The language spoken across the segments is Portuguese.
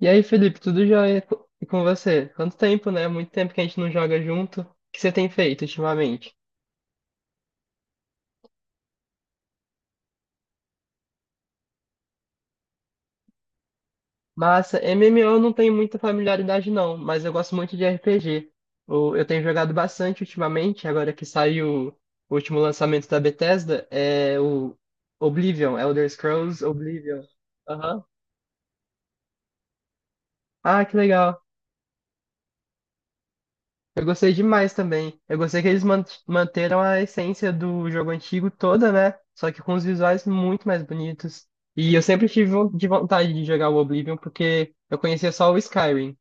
E aí, Felipe, tudo jóia? E com você? Quanto tempo, né? Muito tempo que a gente não joga junto. O que você tem feito ultimamente? Massa, MMO eu não tenho muita familiaridade não, mas eu gosto muito de RPG. Eu tenho jogado bastante ultimamente, agora que saiu o último lançamento da Bethesda, é o Oblivion, Elder Scrolls Oblivion. Aham. Ah, que legal. Eu gostei demais também. Eu gostei que eles manteram a essência do jogo antigo toda, né? Só que com os visuais muito mais bonitos. E eu sempre tive von- de vontade de jogar o Oblivion, porque eu conhecia só o Skyrim.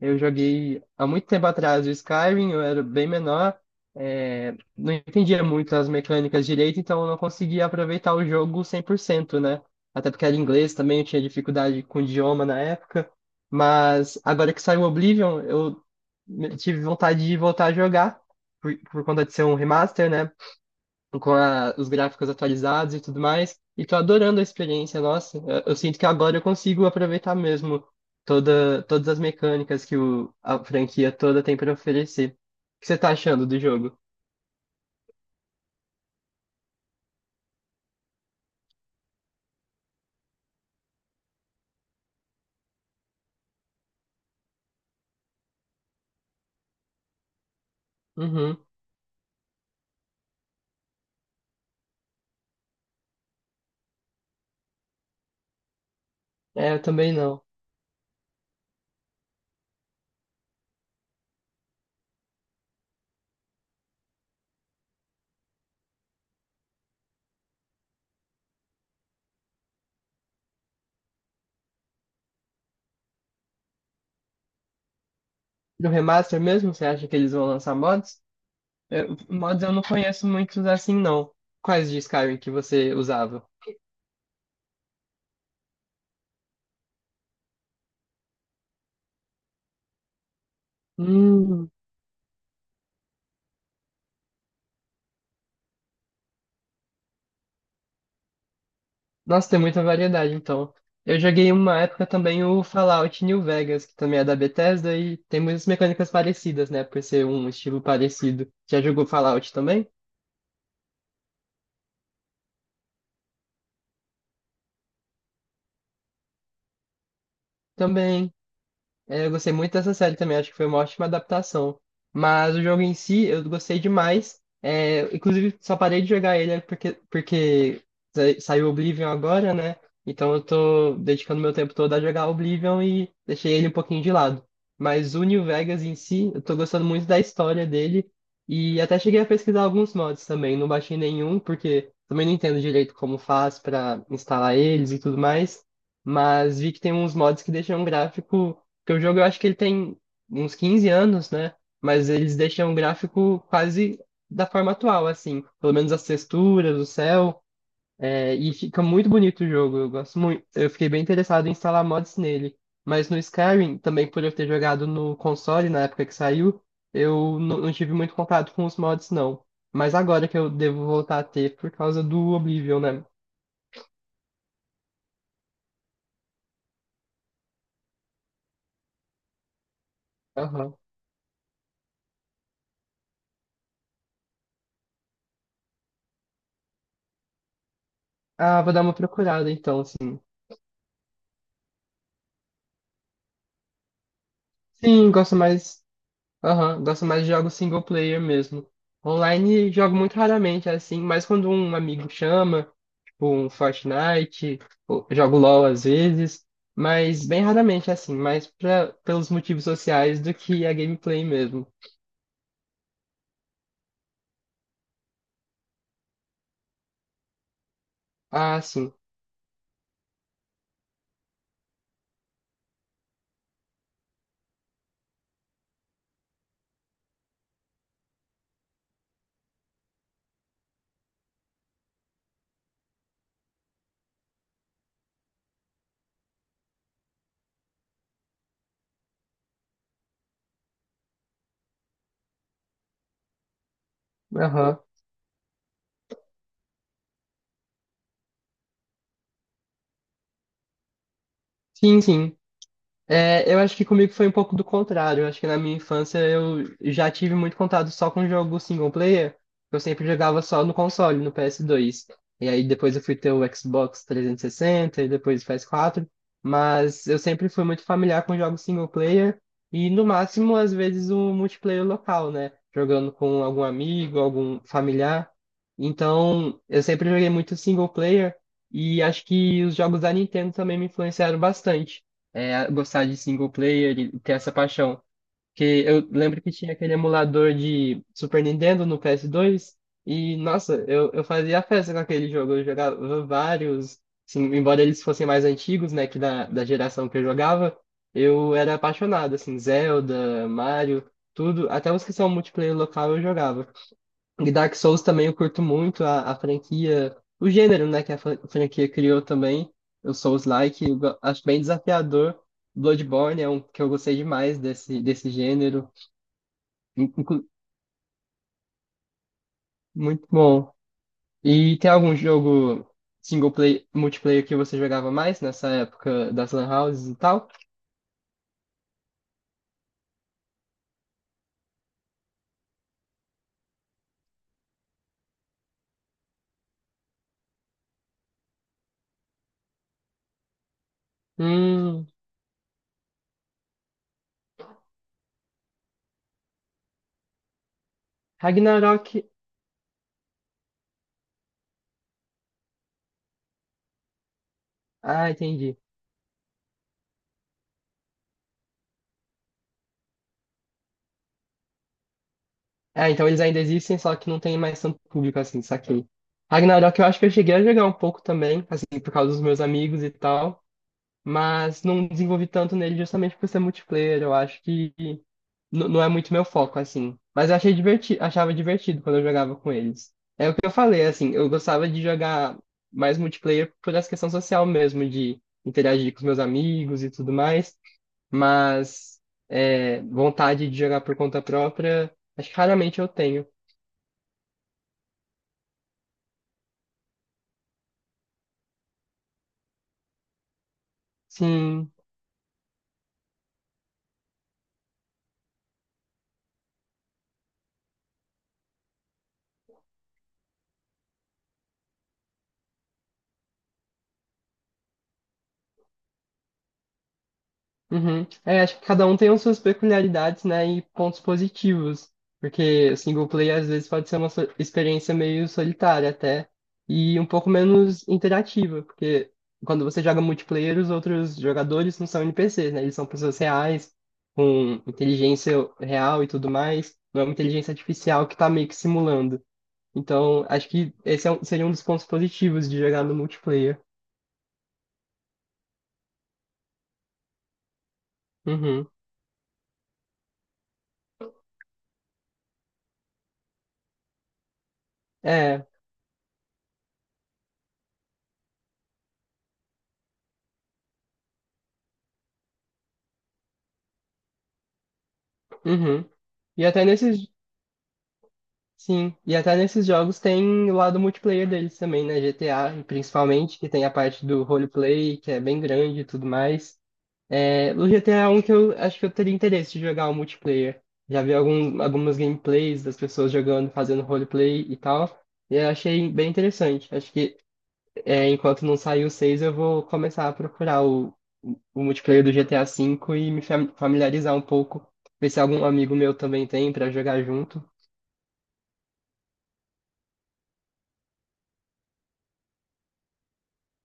Eu joguei há muito tempo atrás o Skyrim, eu era bem menor, não entendia muito as mecânicas direito, então eu não conseguia aproveitar o jogo 100%, né? Até porque era inglês também, eu tinha dificuldade com o idioma na época. Mas agora que saiu o Oblivion, eu tive vontade de voltar a jogar, por conta de ser um remaster, né? Com os gráficos atualizados e tudo mais, e tô adorando a experiência. Nossa, eu sinto que agora eu consigo aproveitar mesmo todas as mecânicas que a franquia toda tem para oferecer. O que você tá achando do jogo? Uhum. É, eu também não. No remaster mesmo, você acha que eles vão lançar mods? Mods eu não conheço muitos assim, não. Quais de Skyrim que você usava? Hum. Nossa, tem muita variedade, então. Eu joguei uma época também o Fallout New Vegas, que também é da Bethesda, e tem muitas mecânicas parecidas, né? Por ser um estilo parecido. Já jogou Fallout também? Também. É, eu gostei muito dessa série também, acho que foi uma ótima adaptação. Mas o jogo em si, eu gostei demais. É, inclusive, só parei de jogar ele porque saiu Oblivion agora, né? Então eu tô dedicando meu tempo todo a jogar Oblivion e deixei ele um pouquinho de lado. Mas o New Vegas em si, eu tô gostando muito da história dele. E até cheguei a pesquisar alguns mods também. Não baixei nenhum, porque também não entendo direito como faz pra instalar eles e tudo mais. Mas vi que tem uns mods que deixam um gráfico. Porque o jogo eu acho que ele tem uns 15 anos, né? Mas eles deixam o gráfico quase da forma atual, assim. Pelo menos as texturas, o céu. É, e fica muito bonito o jogo. Eu gosto muito. Eu fiquei bem interessado em instalar mods nele. Mas no Skyrim, também por eu ter jogado no console na época que saiu, eu não tive muito contato com os mods, não. Mas agora que eu devo voltar a ter por causa do Oblivion, né? Aham. Ah, vou dar uma procurada então, assim. Sim, gosto mais. Aham, gosto mais de jogos single player mesmo. Online jogo muito raramente, assim, mas quando um amigo chama, tipo um Fortnite, jogo LOL às vezes, mas bem raramente, assim, mais pelos motivos sociais do que a gameplay mesmo. Ah, sim. Aham. Sim, sim. É, eu acho que comigo foi um pouco do contrário. Eu acho que na minha infância eu já tive muito contato só com jogo single player. Eu sempre jogava só no console, no PS2. E aí depois eu fui ter o Xbox 360 e sessenta e depois o PS4. Mas eu sempre fui muito familiar com jogos single player e no máximo às vezes um multiplayer local, né? Jogando com algum amigo, algum familiar. Então eu sempre joguei muito single player e acho que os jogos da Nintendo também me influenciaram bastante é, gostar de single player e ter essa paixão. Porque eu lembro que tinha aquele emulador de Super Nintendo no PS2 nossa, eu fazia festa com aquele jogo. Eu jogava vários, assim, embora eles fossem mais antigos, né, da geração que eu jogava, eu era apaixonado, assim, Zelda, Mario, tudo. Até os que são multiplayer local eu jogava. E Dark Souls também eu curto muito a franquia, o gênero, né, que a franquia criou também, o Souls-like, acho bem desafiador. Bloodborne é um que eu gostei demais desse gênero, inclu- muito bom. E tem algum jogo multiplayer que você jogava mais nessa época das lan houses e tal? Hum. Ragnarok. Ah, entendi. É, então eles ainda existem, só que não tem mais tanto público assim, saquei. Ragnarok eu acho que eu cheguei a jogar um pouco também, assim, por causa dos meus amigos e tal, mas não desenvolvi tanto nele justamente por ser multiplayer, eu acho que não é muito meu foco, assim. Mas eu achei divertido, achava divertido quando eu jogava com eles. É o que eu falei, assim, eu gostava de jogar mais multiplayer por essa questão social mesmo, de interagir com os meus amigos e tudo mais, mas vontade de jogar por conta própria, acho que raramente eu tenho. Sim. Uhum. É, acho que cada um tem as suas peculiaridades, né, e pontos positivos. Porque single player às vezes pode ser uma experiência meio solitária até e um pouco menos interativa, porque quando você joga multiplayer, os outros jogadores não são NPCs, né? Eles são pessoas reais, com inteligência real e tudo mais. Não é uma inteligência artificial que tá meio que simulando. Então, acho que esse é seria um dos pontos positivos de jogar no multiplayer. Uhum. É. Uhum. E até nesses Sim, e até nesses jogos tem o lado multiplayer deles também, né? GTA, principalmente, que tem a parte do roleplay, que é bem grande e tudo mais. É, o GTA é um que eu acho que eu teria interesse de jogar o multiplayer. Já vi algumas gameplays das pessoas jogando, fazendo roleplay e tal. E eu achei bem interessante. Acho que enquanto não sair o 6 eu vou começar a procurar o multiplayer do GTA V e me familiarizar um pouco, ver se algum amigo meu também tem pra jogar junto.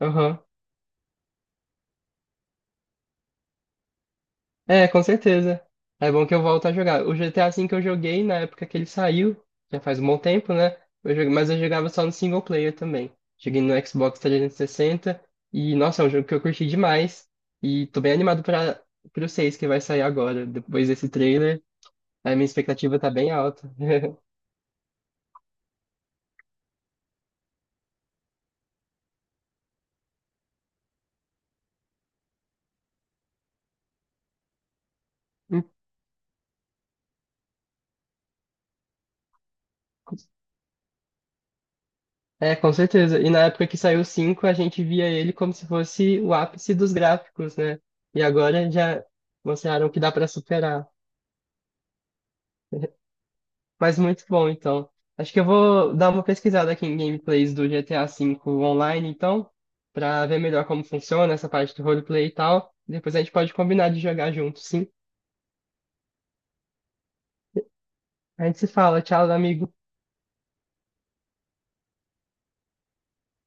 Aham. É, com certeza. É bom que eu volto a jogar. O GTA V que eu joguei na época que ele saiu, já faz um bom tempo, né? Mas eu jogava só no single player também. Cheguei no Xbox 360 e, sessenta e, nossa, é um jogo que eu curti demais. E tô bem animado para pro 6 que vai sair agora, depois desse trailer. A minha expectativa tá bem alta. É, com certeza. E na época que saiu o 5, a gente via ele como se fosse o ápice dos gráficos, né? E agora já mostraram que dá pra superar. Mas muito bom, então. Acho que eu vou dar uma pesquisada aqui em gameplays do GTA V online, então, pra ver melhor como funciona essa parte do roleplay e tal. Depois a gente pode combinar de jogar junto, sim. A gente se fala. Tchau, amigo.